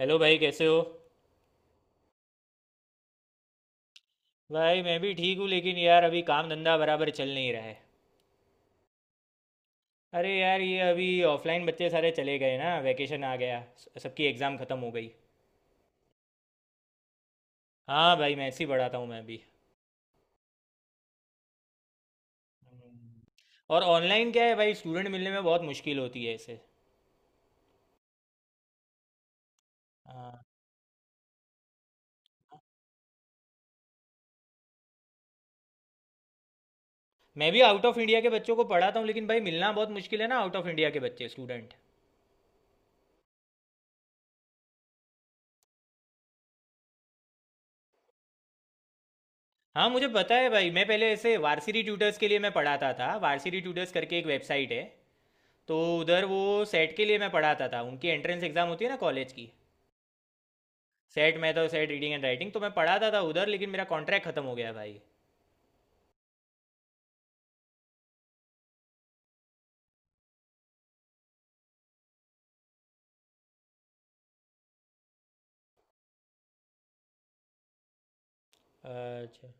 Hello भाई, कैसे हो? भाई, मैं भी ठीक हूँ लेकिन यार अभी काम धंधा बराबर चल नहीं रहा है। अरे यार, ये अभी ऑफलाइन बच्चे सारे चले गए ना, वैकेशन आ गया, सबकी एग्ज़ाम ख़त्म हो गई। हाँ भाई, मैं ऐसे ही पढ़ाता हूँ, मैं भी। हम्म। और ऑनलाइन क्या है भाई, स्टूडेंट मिलने में बहुत मुश्किल होती है ऐसे। हाँ, मैं भी आउट ऑफ इंडिया के बच्चों को पढ़ाता हूँ लेकिन भाई, मिलना बहुत मुश्किल है ना आउट ऑफ इंडिया के बच्चे, स्टूडेंट। हाँ, मुझे पता है भाई। मैं पहले ऐसे वार्सिटी ट्यूटर्स के लिए मैं पढ़ाता था। वार्सिटी ट्यूटर्स करके एक वेबसाइट है। तो उधर वो सेट के लिए मैं पढ़ाता था, उनकी एंट्रेंस एग्ज़ाम होती है ना कॉलेज की। सेट मैथ और सेट रीडिंग एंड राइटिंग तो मैं पढ़ाता था उधर, लेकिन मेरा कॉन्ट्रैक्ट ख़त्म हो गया भाई। अच्छा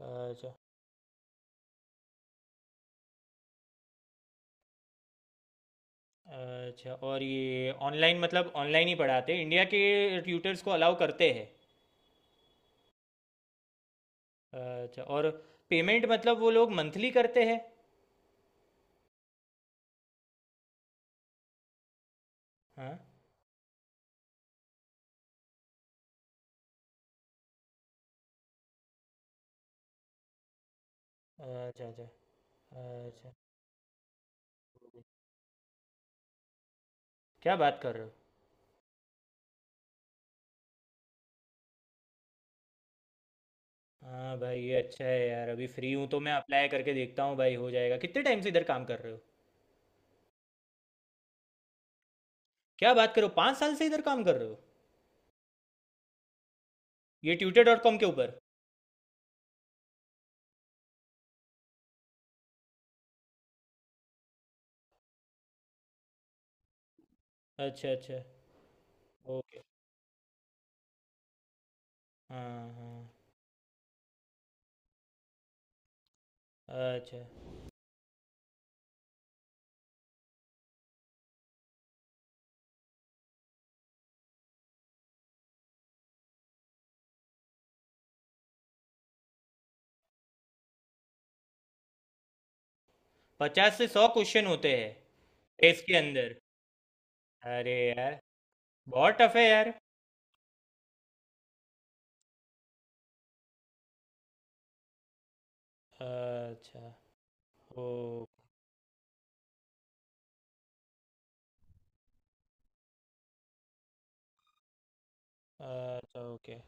अच्छा। अच्छा, और ये ऑनलाइन मतलब ऑनलाइन ही पढ़ाते हैं? इंडिया के ट्यूटर्स को अलाउ करते हैं? अच्छा, और पेमेंट मतलब वो लोग मंथली करते हैं? हाँ। अच्छा अच्छा। अच्छा। क्या बात कर रहे हो! हाँ भाई, ये अच्छा है यार। अभी फ्री हूँ तो मैं अप्लाई करके देखता हूँ भाई, हो जाएगा। कितने टाइम से इधर काम कर रहे हो? क्या बात कर रहे हो, 5 साल से इधर काम कर रहे हो! ये ट्यूटर डॉट कॉम के ऊपर? अच्छा अच्छा। ओके, हाँ हाँ। अच्छा। 50 से 100 क्वेश्चन होते हैं टेस्ट के अंदर? अरे यार, बहुत टफ है यार। अच्छा। ओ। अच्छा, ओके।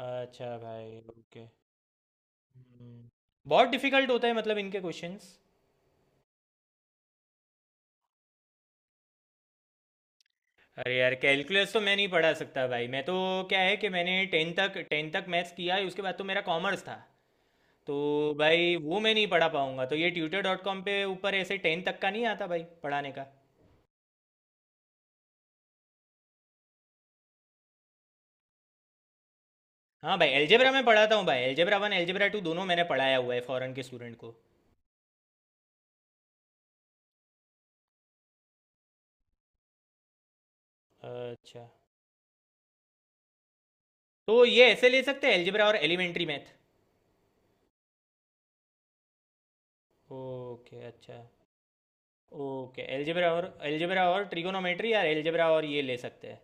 अच्छा भाई, ओके। हम्म। बहुत डिफिकल्ट होता है मतलब इनके क्वेश्चंस? अरे यार, कैलकुलस तो मैं नहीं पढ़ा सकता भाई, मैं तो। क्या है कि मैंने 10th तक 10th तक मैथ्स किया है, उसके बाद तो मेरा कॉमर्स था। तो भाई, वो मैं नहीं पढ़ा पाऊंगा तो ये ट्यूटर डॉट कॉम पे ऊपर ऐसे 10 तक का नहीं आता भाई पढ़ाने का? हाँ भाई, अलजेब्रा मैं पढ़ाता हूँ भाई, अलजेब्रा 1 अलजेब्रा 2 दोनों मैंने पढ़ाया हुआ है फॉरेन के स्टूडेंट को। अच्छा, तो ये ऐसे ले सकते हैं अलजेब्रा और एलिमेंट्री मैथ? ओके अच्छा। ओके, अलजेब्रा और ट्रिगोनोमेट्री यार, अलजेब्रा और ये ले सकते हैं?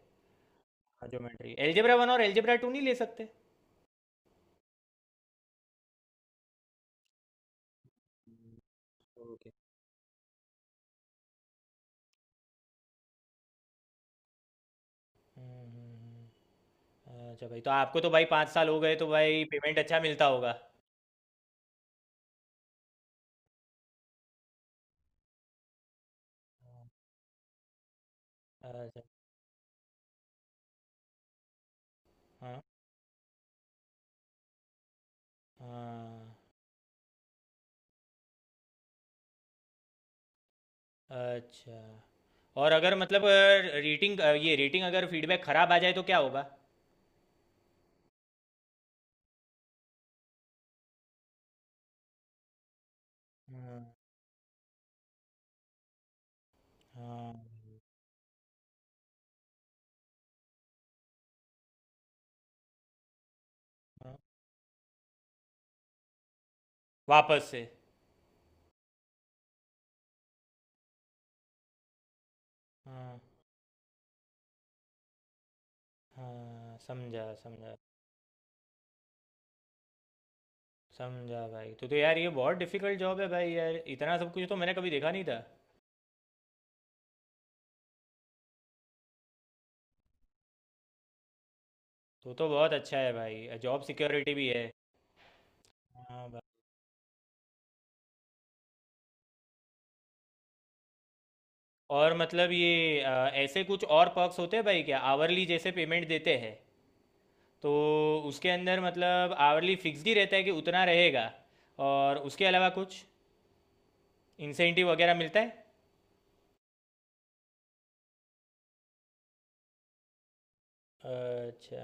हाँ ज्योमेट्री, अलजेब्रा 1 और अलजेब्रा 2 नहीं ले सकते? ओके। अच्छा भाई, तो आपको तो भाई 5 साल हो गए तो भाई पेमेंट अच्छा मिलता होगा। अच्छा। हाँ हाँ। अच्छा, और अगर मतलब रेटिंग, ये रेटिंग अगर फीडबैक खराब आ जाए तो क्या होगा? हाँ। हाँ। हाँ, वापस से? हाँ। हाँ, समझा समझा। समझा भाई। तो यार, ये बहुत डिफिकल्ट जॉब है भाई यार, इतना सब कुछ तो मैंने कभी देखा नहीं था। तो बहुत अच्छा है भाई, जॉब सिक्योरिटी भी है। हाँ भाई। और मतलब ये ऐसे कुछ और पर्क्स होते हैं भाई क्या? आवरली जैसे पेमेंट देते हैं तो उसके अंदर मतलब आवरली फिक्स्ड ही रहता है कि उतना रहेगा, और उसके अलावा कुछ इंसेंटिव वगैरह मिलता है? अच्छा,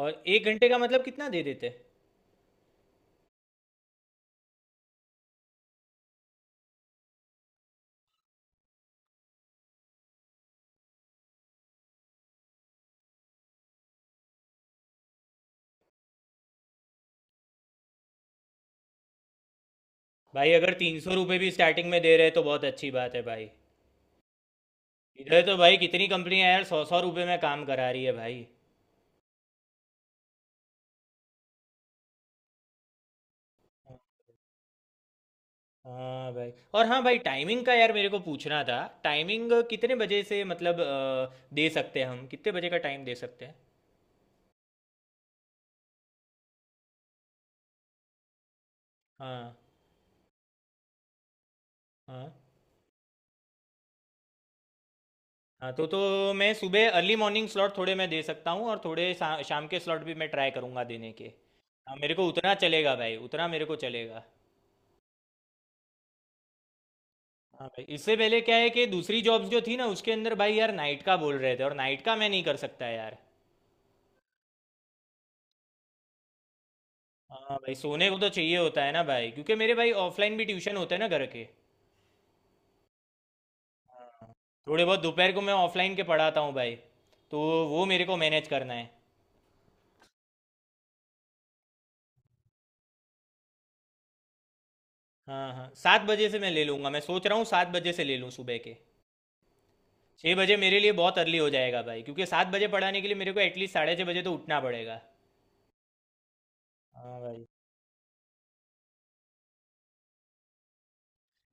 और 1 घंटे का मतलब कितना दे देते हैं? भाई अगर 300 रुपये भी स्टार्टिंग में दे रहे हैं तो बहुत अच्छी बात है भाई। इधर तो भाई कितनी कंपनियां यार 100-100 रुपये में काम करा रही है भाई। हाँ भाई। और हाँ भाई, टाइमिंग का यार मेरे को पूछना था। टाइमिंग कितने बजे से मतलब दे सकते हैं, हम कितने बजे का टाइम दे सकते हैं? हाँ हाँ। हाँ, तो मैं सुबह अर्ली मॉर्निंग स्लॉट थोड़े मैं दे सकता हूँ, और थोड़े शाम के स्लॉट भी मैं ट्राई करूँगा देने के। हाँ, मेरे को उतना चलेगा भाई, उतना मेरे को चलेगा। हाँ भाई, इससे पहले क्या है कि दूसरी जॉब्स जो थी ना उसके अंदर भाई यार नाइट का बोल रहे थे, और नाइट का मैं नहीं कर सकता यार। हाँ भाई, सोने को तो चाहिए होता है ना भाई, क्योंकि मेरे भाई ऑफलाइन भी ट्यूशन होते हैं ना घर के। हाँ। थोड़े बहुत दोपहर को मैं ऑफलाइन के पढ़ाता हूँ भाई, तो वो मेरे को मैनेज करना है। हाँ हाँ, 7 बजे से मैं ले लूँगा। मैं सोच रहा हूँ 7 बजे से ले लूँ सुबह के। 6 बजे मेरे लिए बहुत अर्ली हो जाएगा भाई, क्योंकि 7 बजे पढ़ाने के लिए मेरे को एटलीस्ट 6:30 बजे तो उठना पड़ेगा। हाँ भाई।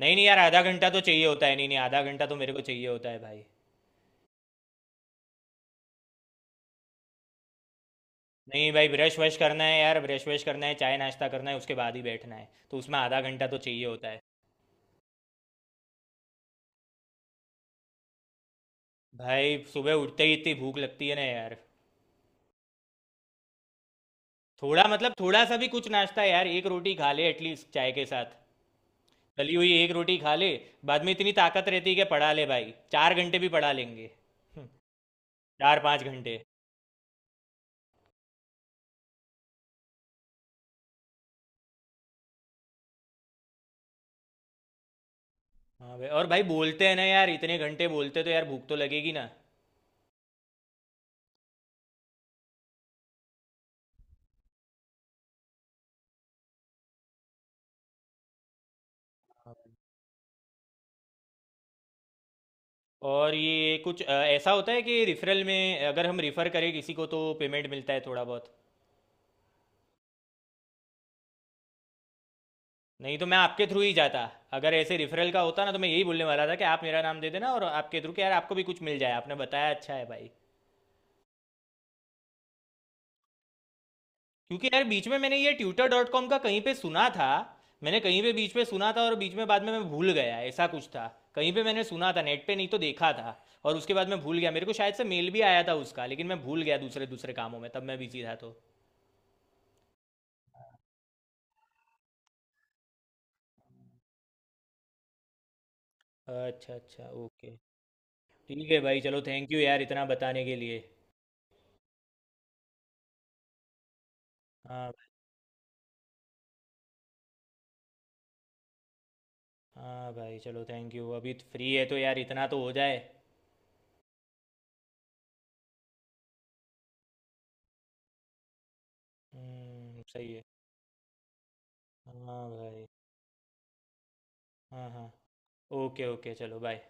नहीं नहीं यार, आधा घंटा तो चाहिए होता है। नहीं नहीं, आधा घंटा तो मेरे को चाहिए होता है भाई। नहीं भाई, ब्रश वश करना है यार, ब्रश वश करना है, चाय नाश्ता करना है, उसके बाद ही बैठना है तो उसमें आधा घंटा तो चाहिए होता है। भाई सुबह उठते ही इतनी भूख लगती है ना यार। थोड़ा मतलब थोड़ा सा भी कुछ नाश्ता यार, एक रोटी खा ले एटलीस्ट चाय के साथ। तली हुई एक रोटी खा ले, बाद में इतनी ताकत रहती है कि पढ़ा ले भाई, 4 घंटे भी पढ़ा लेंगे। 4-5 घंटे। हाँ भाई, और भाई बोलते हैं ना यार, इतने घंटे बोलते तो यार भूख तो लगेगी ना। हाँ भाई। और ये कुछ ऐसा होता है कि रिफरल में अगर हम रिफ़र करें किसी को तो पेमेंट मिलता है थोड़ा बहुत? नहीं तो मैं आपके थ्रू ही जाता। अगर ऐसे रिफरल का होता ना तो मैं यही बोलने वाला था कि आप मेरा नाम दे देना, और आपके थ्रू, कि यार आपको भी कुछ मिल जाए, आपने बताया अच्छा है भाई। क्योंकि यार बीच में मैंने ये ट्यूटर डॉट कॉम का कहीं पे सुना था। मैंने कहीं पे बीच में सुना था और बीच में, बाद में मैं भूल गया, ऐसा कुछ था। कहीं पे मैंने सुना था नेट पे, नहीं तो देखा था, और उसके बाद मैं भूल गया। मेरे को शायद से मेल भी आया था उसका लेकिन मैं भूल गया, दूसरे दूसरे कामों में तब मैं बिजी था तो। अच्छा अच्छा, ओके। ठीक है भाई, चलो थैंक यू यार इतना बताने के लिए। हाँ। हाँ भाई चलो, थैंक यू। अभी तो फ्री है तो यार इतना तो हो जाए। सही है। हाँ भाई। हाँ हाँ। ओके ओके, चलो बाय।